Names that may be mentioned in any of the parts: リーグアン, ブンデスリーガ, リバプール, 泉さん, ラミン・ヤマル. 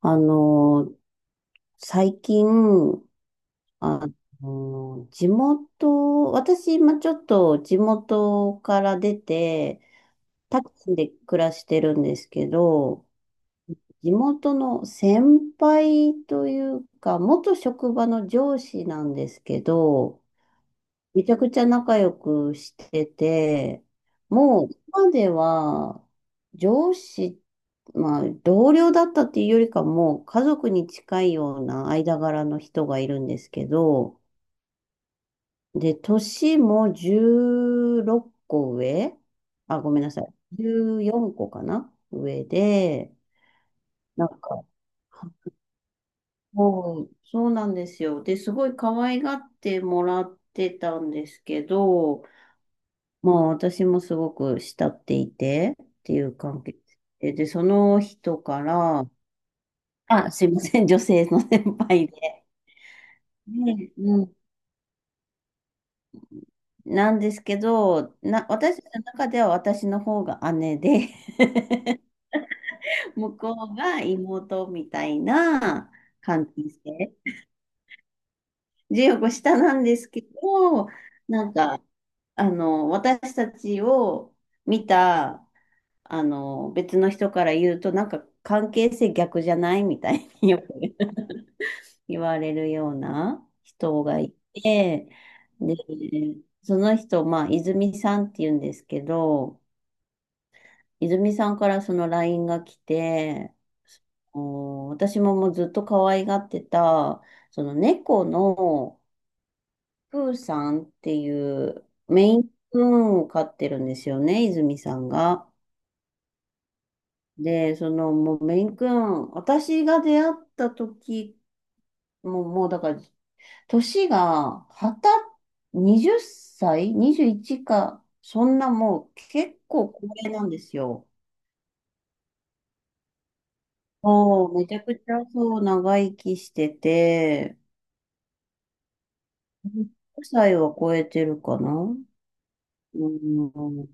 あの、最近、あ地元、私、今ちょっと地元から出て、タクシーで暮らしてるんですけど、地元の先輩というか、元職場の上司なんですけど、めちゃくちゃ仲良くしてて、もう今では上司、まあ同僚だったっていうよりかもう家族に近いような間柄の人がいるんですけど、で、年も16個上、あ、ごめんなさい。14個かな上で、なんか、もう、そうなんですよ。で、すごい可愛がってもらってたんですけど、まあ私もすごく慕っていてっていう関係で、で、その人から、あ、すいません、女性の先輩で。ねうん、なんですけど、私の中では私の方が姉で 向こうが妹みたいな関係性。14個下なんですけど、なんか、私たちを見た別の人から言うと、なんか関係性逆じゃないみたいによく 言われるような人がいて、で、その人、まあ、泉さんって言うんですけど、泉さんからその LINE が来て、私ももうずっと可愛がってた、その猫のプーさんっていうメインプーンを飼ってるんですよね、泉さんが。で、その、もうメイン君、私が出会った時、もうだから、年が、20歳？ 21 か、そんなもう結構高齢なんですよ。もう、めちゃくちゃそう、長生きしてて、5歳は超えてるかな。うん。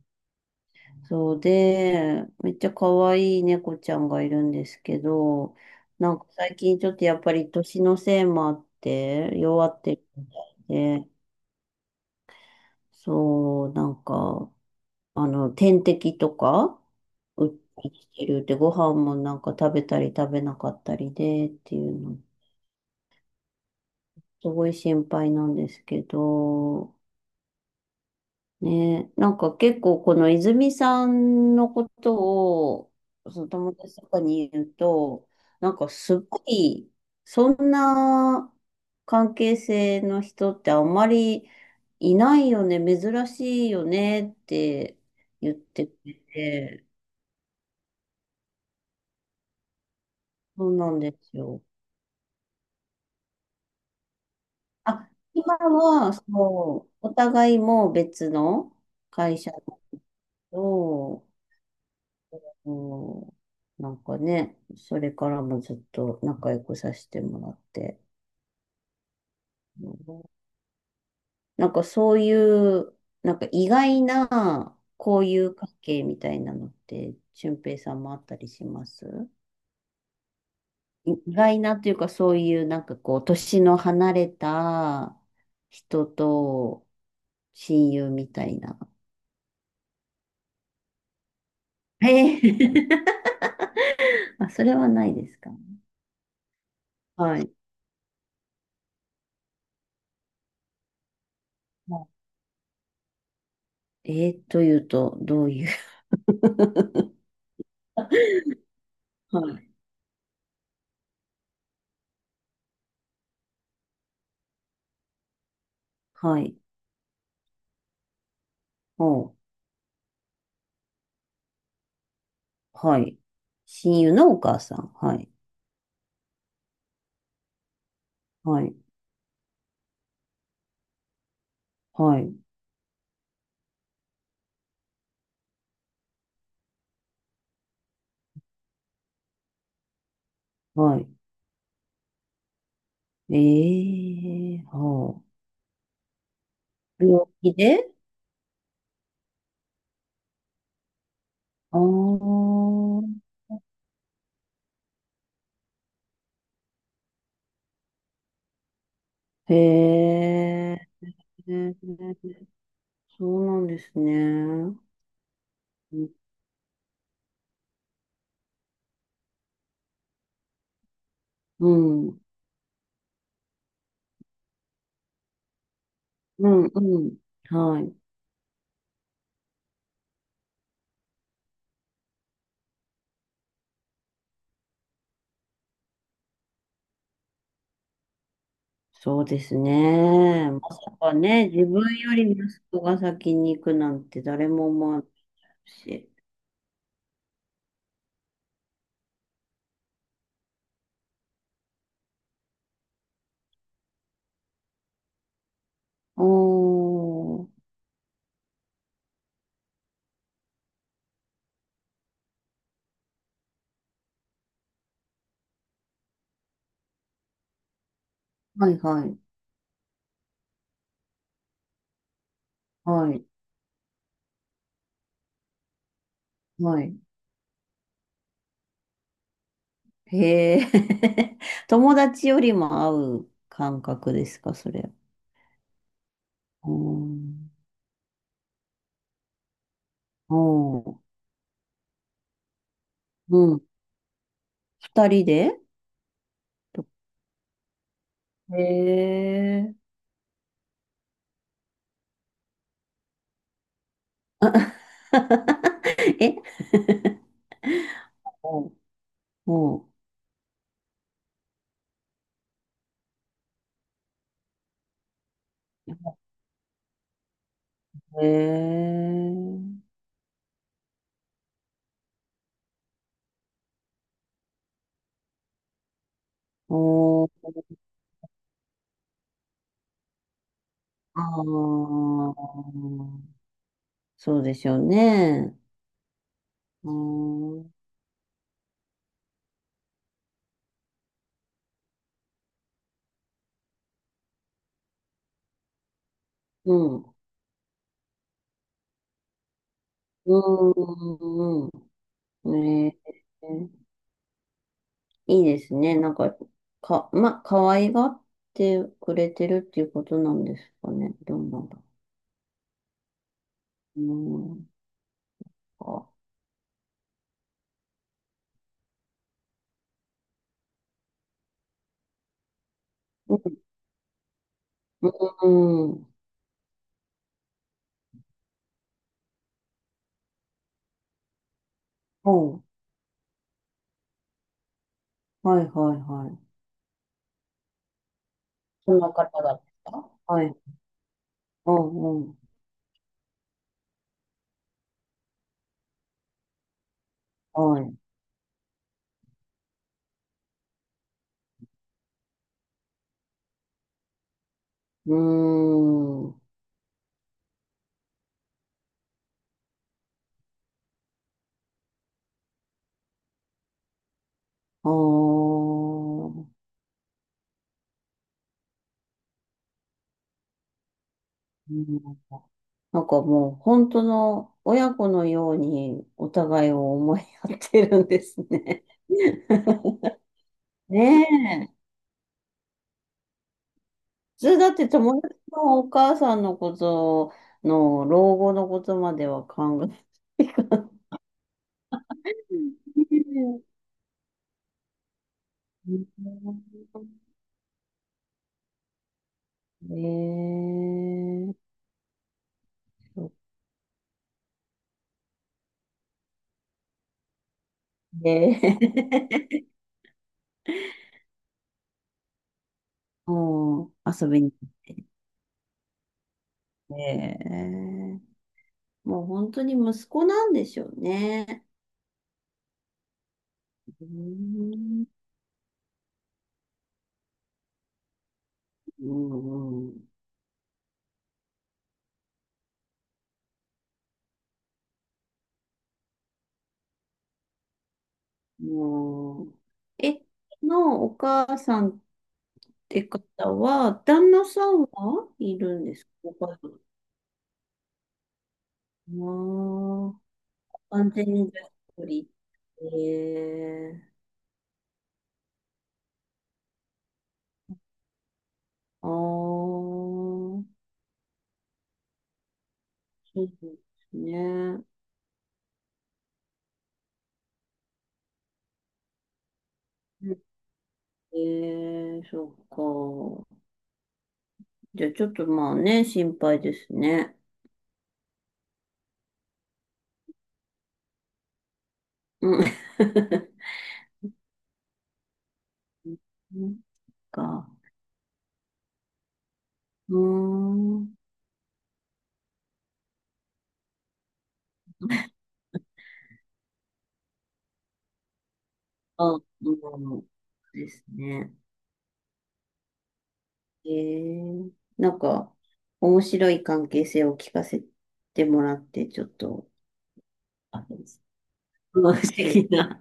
そうで、めっちゃ可愛い猫ちゃんがいるんですけど、なんか最近ちょっとやっぱり年のせいもあって、弱ってるみたいで、そう、なんか、点滴とか、打ってきてるって、ご飯もなんか食べたり食べなかったりでっていうの、すごい心配なんですけど、ねえ、なんか結構この泉さんのことを、その友達とかに言うと、なんかすごい、そんな関係性の人ってあんまりいないよね、珍しいよねって言ってくれて、そうなんですよ。あ、今は、そう、お互いもう別の会社だと、うん、なんかね、それからもずっと仲良くさせてもらって、うん、なんかそういう、なんか意外な交友関係みたいなのって、俊平さんもあったりします。意外なというか、そういうなんかこう、年の離れた人と親友みたいな。えー あ、それはないですか。はい。はい、というと、どういう？ はい。はい。おう、はい。親友のお母さん。はい。はい。はい。はい。ええ、はあ。病気で。ああー、へえ。そうなんですね。うん。うん。うんうん。はい。そうですね。まさかね、自分より息子が先に行くなんて誰も思わないし。おー。はいはい。はい。はい。へえ。友達よりも会う感覚ですか、それ。うん。うん。うん。二人で？と、へえ。え、うん。うん。へえ。おー。あー、そうでしょうね。うん。うん。うん。うん。ねえ。いいですね。なんか、可愛がってくれてるっていうことなんですかね。どうなんだろう。うん。あ、うん。うん。うん。はいはいはい。そんな方だった。はい。うんうん。はい。うーん。あー、うん。なんかもう、本当の親子のようにお互いを思い合ってるんですね。ね、普通だって友達のお母さんのことの老後のことまでは考えないから。うん。ねえ。そっで、 もう遊びに来て、もう本当に息子なんでしょうね。うん、うんうん。もう、え、のお母さんって方は、旦那さんはいるんですか？ああ、完全にじゃあ一人。ええ。ああ、そうですね。ええ、そっか。じゃあちょっとまあね、心配ですね。うん。なんか、うーん。あ、うん、ですね。ええ、なんか、面白い関係性を聞かせてもらって、ちょっと、あ、不思議な